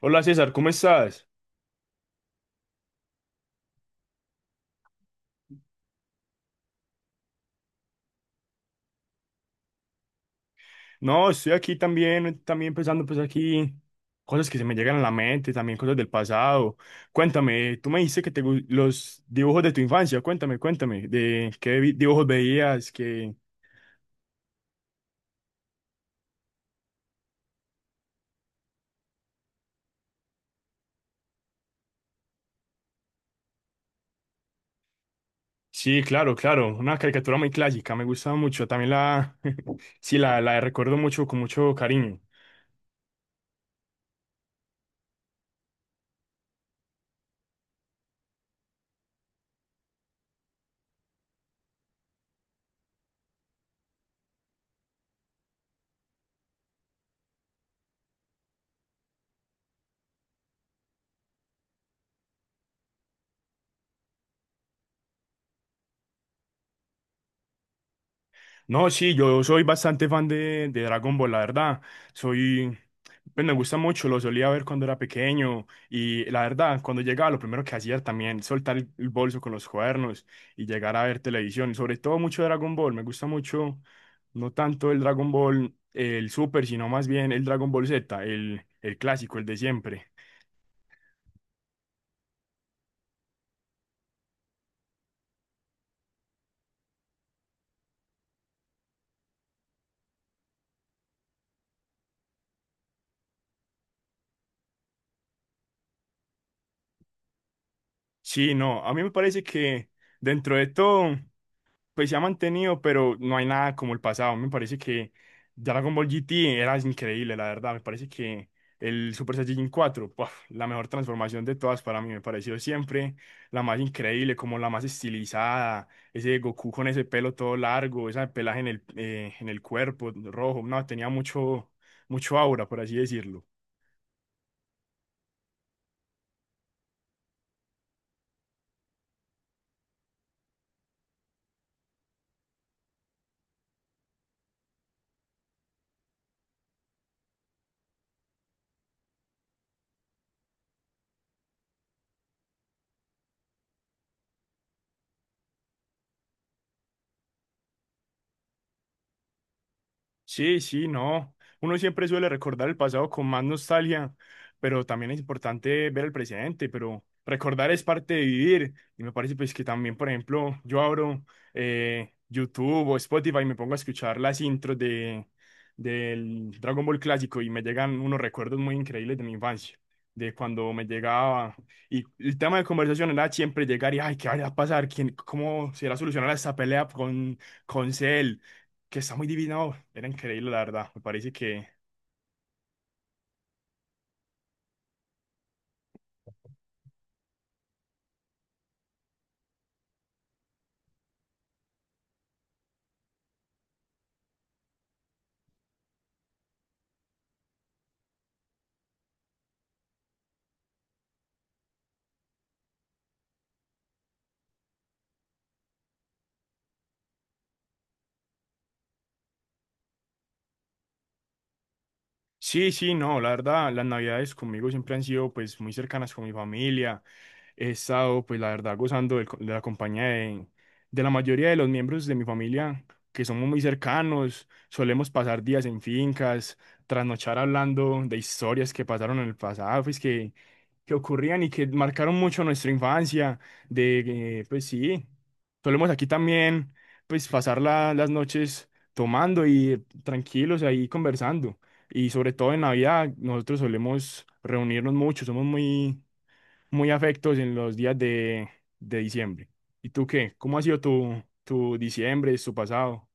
Hola César, ¿cómo estás? No, estoy aquí también, también pensando pues aquí cosas que se me llegan a la mente, también cosas del pasado. Cuéntame, tú me dijiste que los dibujos de tu infancia, cuéntame, cuéntame, de qué dibujos veías, que... Sí, claro, claro, una caricatura muy clásica, me gusta mucho, también la... sí, la recuerdo mucho, con mucho cariño. No, sí, yo soy bastante fan de Dragon Ball, la verdad. Soy, pues me gusta mucho, lo solía ver cuando era pequeño y la verdad, cuando llegaba lo primero que hacía también soltar el bolso con los cuadernos y llegar a ver televisión, sobre todo mucho Dragon Ball, me gusta mucho, no tanto el Dragon Ball, el Super, sino más bien el Dragon Ball Z, el clásico, el de siempre. Sí, no, a mí me parece que dentro de todo... Pues se ha mantenido, pero no hay nada como el pasado. Me parece que Dragon Ball GT era increíble, la verdad. Me parece que el Super Saiyajin 4, ¡puf! La mejor transformación de todas para mí, me pareció siempre la más increíble, como la más estilizada. Ese Goku con ese pelo todo largo, ese pelaje en el cuerpo rojo, no, tenía mucho, mucho aura, por así decirlo. Sí, sí, no. Uno siempre suele recordar el pasado con más nostalgia, pero también es importante ver el presente, pero recordar es parte de vivir. Y me parece pues que también, por ejemplo, yo abro YouTube o Spotify y me pongo a escuchar las intros de, del Dragon Ball clásico y me llegan unos recuerdos muy increíbles de mi infancia, de cuando me llegaba. Y el tema de conversación era siempre llegar y, ay, ¿qué va a pasar? ¿Quién, cómo será solucionar esta pelea con Cell? Que está muy divino, era increíble, la verdad. Me parece que sí, sí, no, la verdad, las navidades conmigo siempre han sido pues muy cercanas con mi familia. He estado pues la verdad gozando de la compañía de la mayoría de los miembros de mi familia que somos muy cercanos. Solemos pasar días en fincas, trasnochar hablando de historias que pasaron en el pasado, pues que ocurrían y que marcaron mucho nuestra infancia, de, pues sí, solemos aquí también, pues pasar las noches tomando y tranquilos ahí conversando. Y sobre todo en Navidad, nosotros solemos reunirnos mucho, somos muy, muy afectos en los días de diciembre. ¿Y tú qué? ¿Cómo ha sido tu, tu diciembre, tu pasado?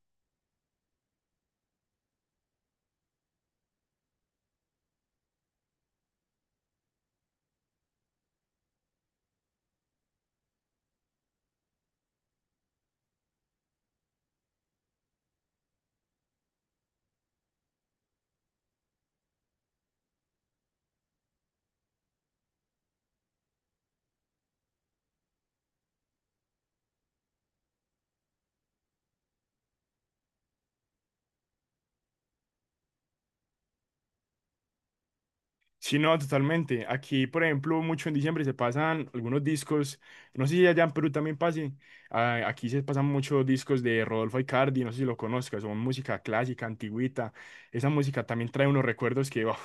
Sí, no, totalmente. Aquí, por ejemplo, mucho en diciembre se pasan algunos discos, no sé si allá en Perú también pase, ah, aquí se pasan muchos discos de Rodolfo Aicardi, no sé si lo conozcas, son música clásica, antigüita, esa música también trae unos recuerdos que, uf,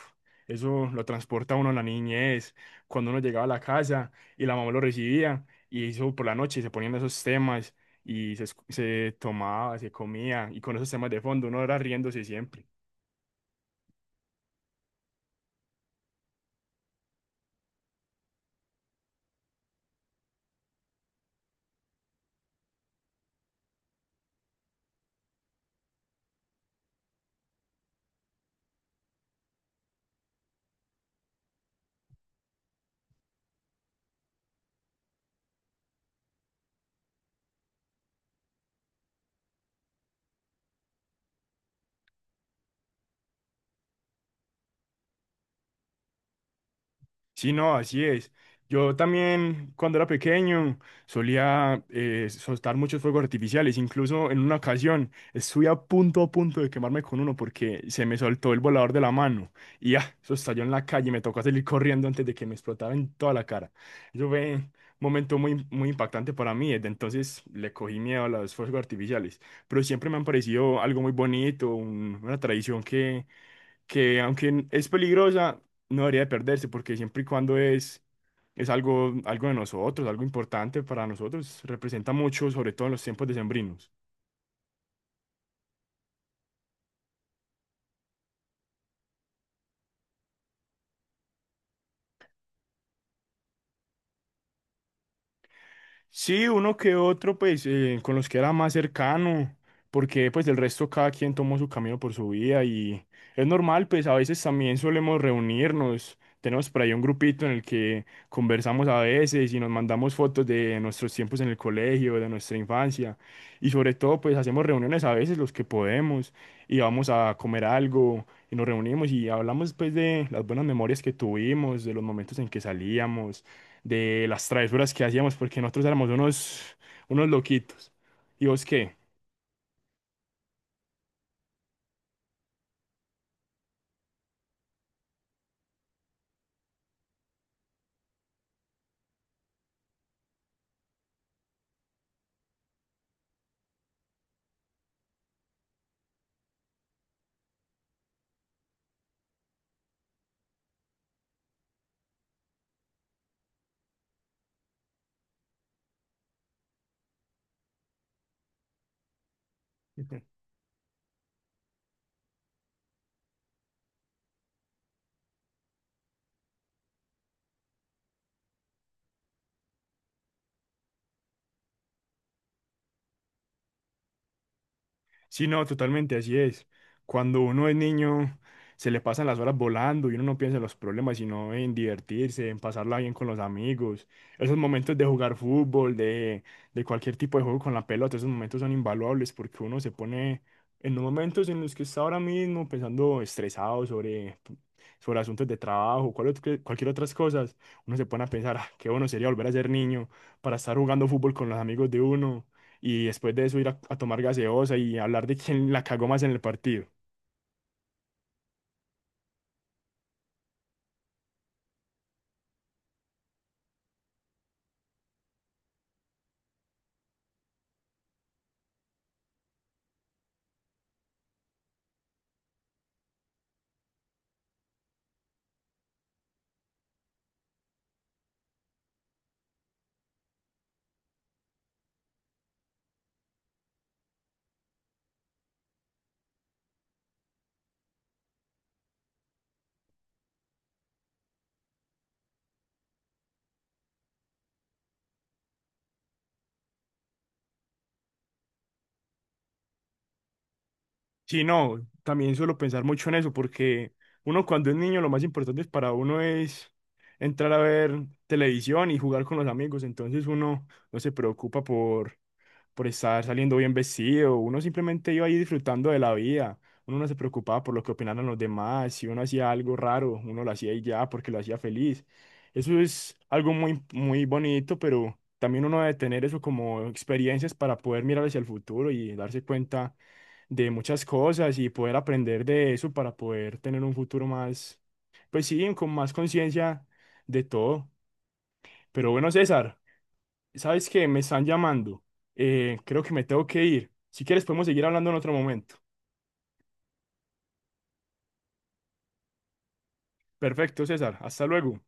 eso lo transporta a uno a la niñez, cuando uno llegaba a la casa y la mamá lo recibía, y eso por la noche se ponían esos temas, y se tomaba, se comía, y con esos temas de fondo uno era riéndose siempre. Sí, no, así es. Yo también, cuando era pequeño, solía soltar muchos fuegos artificiales. Incluso en una ocasión estuve a punto de quemarme con uno porque se me soltó el volador de la mano. Y ya, eso estalló en la calle. Me tocó salir corriendo antes de que me explotara en toda la cara. Eso fue un momento muy, muy impactante para mí. Desde entonces le cogí miedo a los fuegos artificiales. Pero siempre me han parecido algo muy bonito, una tradición que aunque es peligrosa, no debería de perderse porque siempre y cuando es algo, algo de nosotros, algo importante para nosotros, representa mucho, sobre todo en los tiempos decembrinos. Sí, uno que otro, pues, con los que era más cercano, porque pues del resto cada quien tomó su camino por su vida y es normal, pues a veces también solemos reunirnos, tenemos por ahí un grupito en el que conversamos a veces y nos mandamos fotos de nuestros tiempos en el colegio, de nuestra infancia y sobre todo pues hacemos reuniones a veces los que podemos y vamos a comer algo y nos reunimos y hablamos pues de las buenas memorias que tuvimos, de los momentos en que salíamos de las travesuras que hacíamos, porque nosotros éramos unos, unos loquitos. ¿Y vos qué? Sí, no, totalmente, así es. Cuando uno es niño, se le pasan las horas volando y uno no piensa en los problemas, sino en divertirse, en pasarla bien con los amigos. Esos momentos de jugar fútbol, de cualquier tipo de juego con la pelota, esos momentos son invaluables porque uno se pone en los momentos en los que está ahora mismo pensando estresado sobre, sobre asuntos de trabajo, cualquier otras cosas, uno se pone a pensar, "Ah, qué bueno sería volver a ser niño para estar jugando fútbol con los amigos de uno y después de eso ir a tomar gaseosa y hablar de quién la cagó más en el partido. Sí, no, también suelo pensar mucho en eso porque uno cuando es niño lo más importante para uno es entrar a ver televisión y jugar con los amigos, entonces uno no se preocupa por estar saliendo bien vestido, uno simplemente iba ahí disfrutando de la vida, uno no se preocupaba por lo que opinaran los demás, si uno hacía algo raro, uno lo hacía y ya porque lo hacía feliz. Eso es algo muy, muy bonito, pero también uno debe tener eso como experiencias para poder mirar hacia el futuro y darse cuenta de muchas cosas y poder aprender de eso para poder tener un futuro más, pues sí, con más conciencia de todo. Pero bueno, César. ¿Sabes qué? Me están llamando. Creo que me tengo que ir. Si quieres, podemos seguir hablando en otro momento. Perfecto, César. Hasta luego.